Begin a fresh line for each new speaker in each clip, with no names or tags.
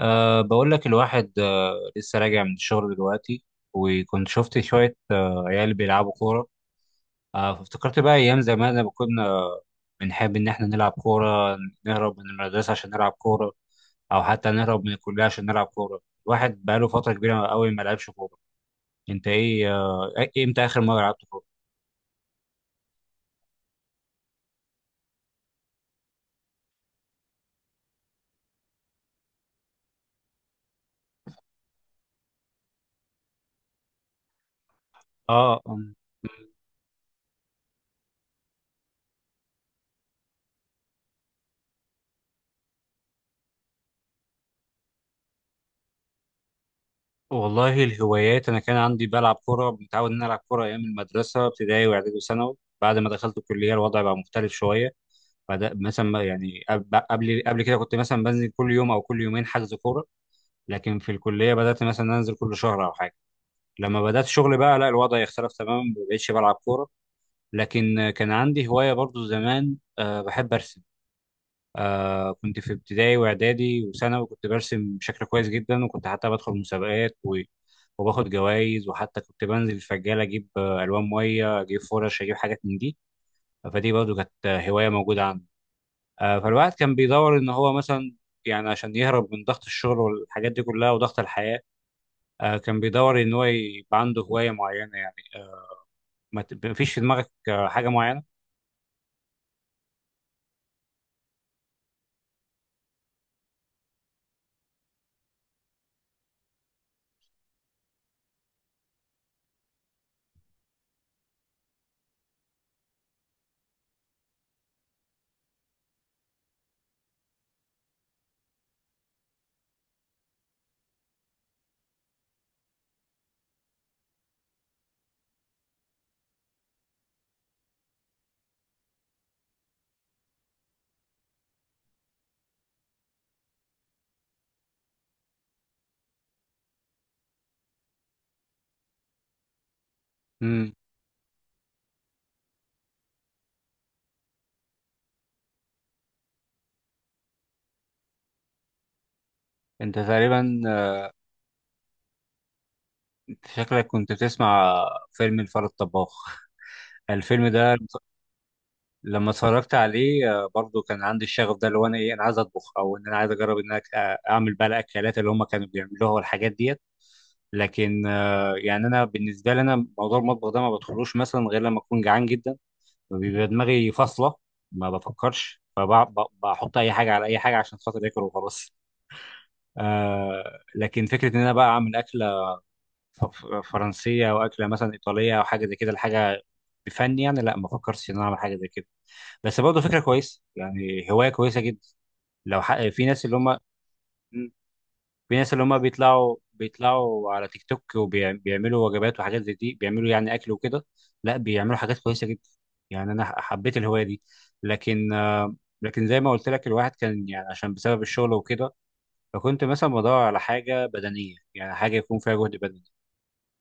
بقول لك الواحد لسه راجع من الشغل دلوقتي. وكنت شفت شوية عيال بيلعبوا كورة. فافتكرت بقى أيام زمان لما كنا بنحب إن إحنا نلعب كورة، نهرب من المدرسة عشان نلعب كورة، أو حتى نهرب من الكلية عشان نلعب كورة. الواحد بقاله فترة كبيرة أوي ما لعبش كورة. أنت إيه، إمتى آخر مرة لعبت كورة؟ آه أم، والله الهوايات، أنا كان عندي بلعب كورة، متعود إن أنا ألعب كورة أيام المدرسة، ابتدائي وإعدادي وثانوي. بعد ما دخلت الكلية الوضع بقى مختلف شوية. بعد مثلا ما- يعني قبل كده كنت مثلا بنزل كل يوم او كل يومين حجز كوره، لكن في الكليه بدات مثلا انزل كل شهر او حاجه. لما بدات شغل بقى لا، الوضع يختلف تماما، ما بقتش بلعب كوره. لكن كان عندي هوايه برضو زمان، بحب ارسم. كنت في ابتدائي واعدادي وثانوي كنت برسم بشكل كويس جدا، وكنت حتى بدخل مسابقات و وباخد جوائز، وحتى كنت بنزل الفجالة أجيب ألوان مية، أجيب فرش، أجيب حاجات من دي. فدي برضو كانت هواية موجودة عندي. فالواحد كان بيدور ان هو مثلا، يعني عشان يهرب من ضغط الشغل والحاجات دي كلها وضغط الحياة. كان بيدور ان هو يبقى عنده هواية معينة يعني. ما فيش في دماغك حاجة معينة؟ امم. انت تقريبا شكلك كنت بتسمع فيلم الفار الطباخ. الفيلم ده لما اتفرجت عليه برضو كان عندي الشغف ده، اللي هو انا ايه، انا عايز اطبخ، او ان انا عايز اجرب ان انا اعمل بقى الاكلات اللي هم كانوا بيعملوها والحاجات ديت. لكن يعني انا بالنسبه لي، انا موضوع المطبخ ده ما بدخلوش مثلا غير لما اكون جعان جدا، بيبقى دماغي فاصلة، ما بفكرش، فبحط أي حاجة على أي حاجة عشان خاطر آكل وخلاص. لكن فكرة إن أنا بقى أعمل أكلة ف- ف- فرنسية، أو أكلة مثلا إيطالية، أو حاجة زي كده، الحاجة بفن يعني، لا ما فكرتش إن أنا أعمل حاجة زي كده. بس برضه فكرة كويسة، يعني هواية كويسة جدا. في ناس اللي هم، في ناس اللي هم بيطلعوا على تيك توك وبيعملوا وجبات وحاجات زي دي، بيعملوا يعني اكل وكده. لا بيعملوا حاجات كويسه جدا، يعني انا حبيت الهوايه دي. لكن آه، لكن زي ما قلت لك، الواحد كان يعني عشان بسبب الشغل وكده، فكنت مثلا بدور على حاجه بدنيه، يعني حاجه يكون فيها جهد بدني.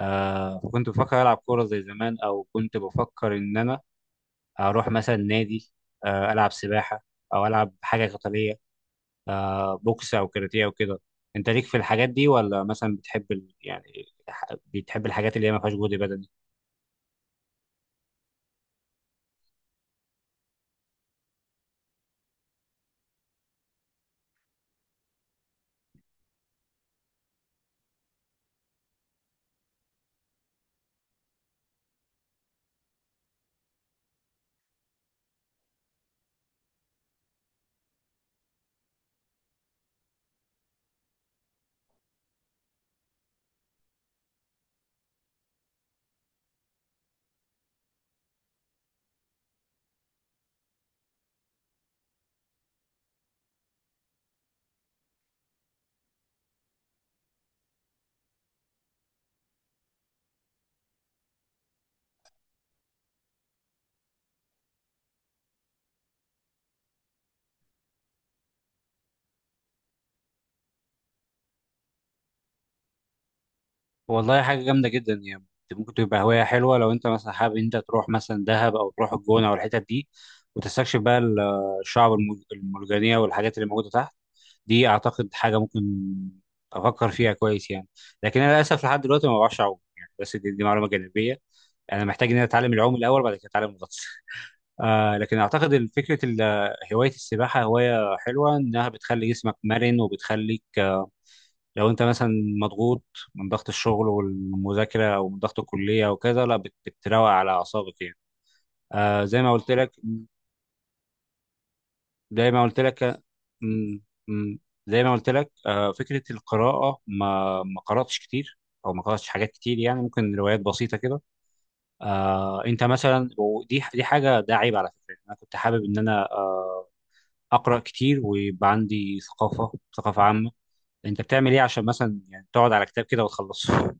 فكنت بفكر العب كوره زي زمان، او كنت بفكر ان انا اروح مثلا نادي، العب سباحه، او العب حاجه قتاليه، بوكس او كاراتيه او كده. انت ليك في الحاجات دي، ولا مثلا بتحب بتحب الحاجات اللي هي ما فيهاش جهد بدني؟ والله حاجه جامده جدا يعني، ممكن تبقى هوايه حلوه لو انت مثلا حابب انت تروح مثلا دهب، او تروح الجونه، او الحتت دي، وتستكشف بقى الشعب المرجانيه والحاجات اللي موجوده تحت. دي اعتقد حاجه ممكن افكر فيها كويس يعني. لكن انا للاسف لحد دلوقتي ما بعرفش اعوم يعني، بس دي معلومه جانبيه. انا محتاج ان انا اتعلم العوم الاول، بعد كده اتعلم الغطس. لكن اعتقد فكره هوايه السباحه هوايه حلوه، انها بتخلي جسمك مرن وبتخليك لو انت مثلا مضغوط من ضغط الشغل والمذاكره، او من ضغط الكليه وكذا، لا بتروق على اعصابك يعني. زي ما قلت لك، زي ما قلت لك آه، م- م- فكره القراءه ما قراتش كتير، او ما قراتش حاجات كتير يعني، ممكن روايات بسيطه كده. انت مثلا، ودي حاجه، ده عيب على فكره، انا كنت حابب ان انا اقرا كتير ويبقى عندي ثقافه عامه. انت بتعمل ايه عشان مثلا يعني تقعد على كتاب كده وتخلصه؟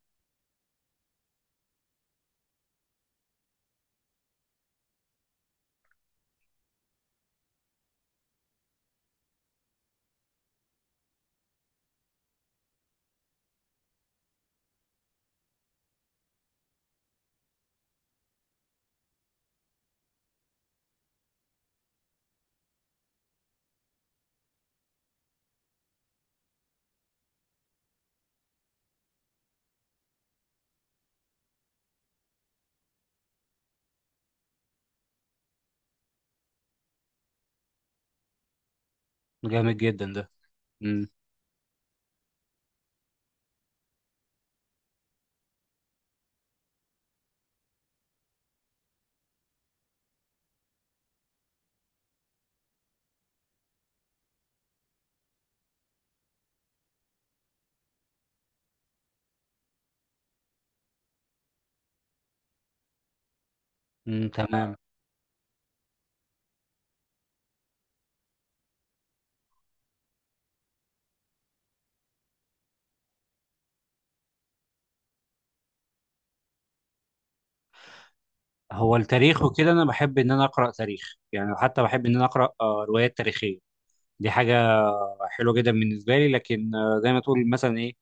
جامد جدا ده. امم. تمام. هو التاريخ وكده، انا بحب ان انا اقرا تاريخ يعني، حتى بحب ان انا اقرا روايات تاريخيه. دي حاجه حلوه جدا بالنسبه لي. لكن زي ما تقول مثلا ايه،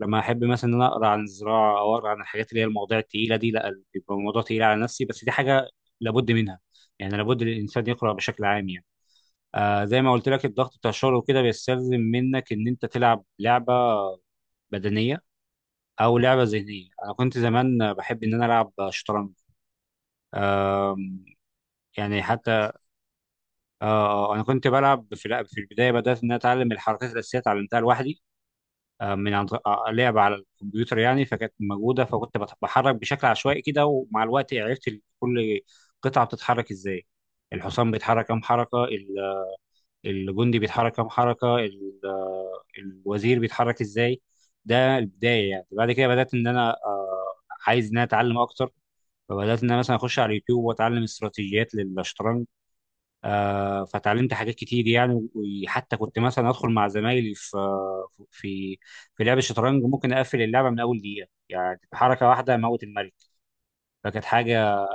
لما احب مثلا ان انا اقرا عن الزراعه، او اقرا عن الحاجات اللي هي المواضيع التقيله دي، لا بيبقى الموضوع تقيل على نفسي. بس دي حاجه لابد منها، يعني لابد الانسان يقرا بشكل عام يعني. زي ما قلت لك الضغط بتاع الشغل وكده بيستلزم منك ان انت تلعب لعبه بدنيه، او لعبه ذهنيه. انا كنت زمان بحب ان انا العب شطرنج. آم، يعني حتى، آه انا كنت بلعب في في البدايه بدات ان أنا اتعلم الحركات الاساسيه، اتعلمتها لوحدي من عن طريق- آه، لعبه على الكمبيوتر يعني، فكانت موجوده، فكنت بحرك بشكل عشوائي كده، ومع الوقت عرفت كل قطعه بتتحرك ازاي. الحصان بيتحرك كام حركه، الجندي بيتحرك كام حركه، الوزير بيتحرك ازاي. ده البدايه يعني. بعد كده بدات ان انا عايز ان انا اتعلم اكتر، فبدات ان انا مثلا اخش على اليوتيوب واتعلم استراتيجيات للشطرنج. فتعلمت حاجات كتير يعني، وحتى كنت مثلا ادخل مع زمايلي في في لعب الشطرنج، ممكن اقفل اللعبه من اول دقيقه يعني، بحركه واحده اموت الملك. فكانت حاجه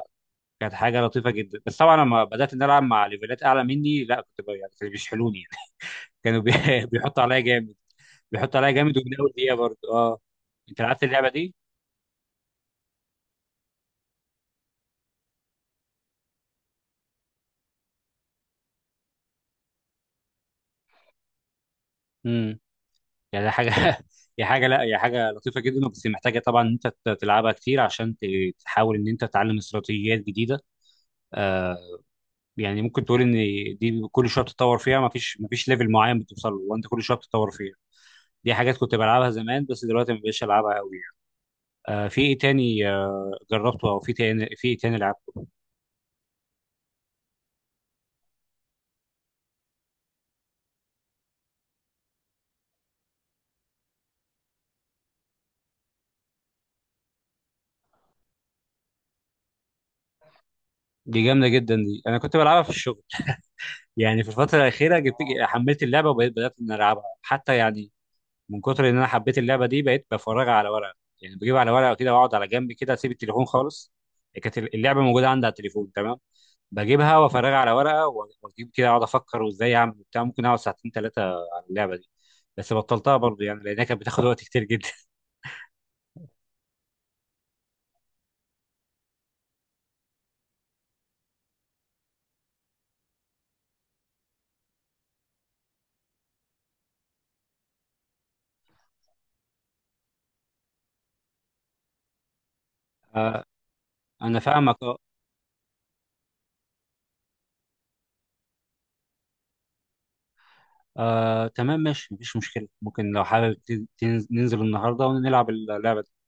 كانت حاجه لطيفه جدا. بس طبعا لما بدات ان أنا العب مع ليفلات اعلى مني، لا كنت يعني كانوا بيشحلوني يعني، كانوا بي- بيحطوا عليا جامد. بيحط عليها جامد ومن اول دقيقه برضه اه انت لعبت اللعبه دي؟ امم. يعني حاجه هي حاجه لا، هي حاجه لطيفه جدا، بس محتاجه طبعا ان انت تلعبها كتير عشان تحاول ان انت تتعلم استراتيجيات جديده. آه يعني ممكن تقول ان دي كل شويه بتتطور فيها، ما فيش ليفل معين بتوصل له، وانت كل شويه بتتطور فيها. دي حاجات كنت بلعبها زمان بس دلوقتي ما بقتش العبها قوي يعني. في ايه تاني جربته، او في ايه تاني لعبته؟ دي جامده جدا، دي انا كنت بلعبها في الشغل يعني، في الفترة الأخيرة حملت اللعبة، وبقيت إن ألعبها، حتى يعني من كتر إن أنا حبيت اللعبة دي بقيت بفرجها على ورقة. يعني بجيب على ورقة كده وأقعد على جنب كده أسيب التليفون خالص، كانت اللعبة موجودة عندي على التليفون تمام، بجيبها وأفرجها على ورقة وأجيب كده أقعد أفكر وإزاي أعمل وبتاع، ممكن أقعد ساعتين 3 على اللعبة دي. بس بطلتها برضه يعني لأنها كانت بتاخد وقت كتير جدا. آه، أنا فاهمك، أه. آه، تمام ماشي مفيش مشكلة، ممكن لو حابب ننزل النهاردة ونلعب اللعبة دي.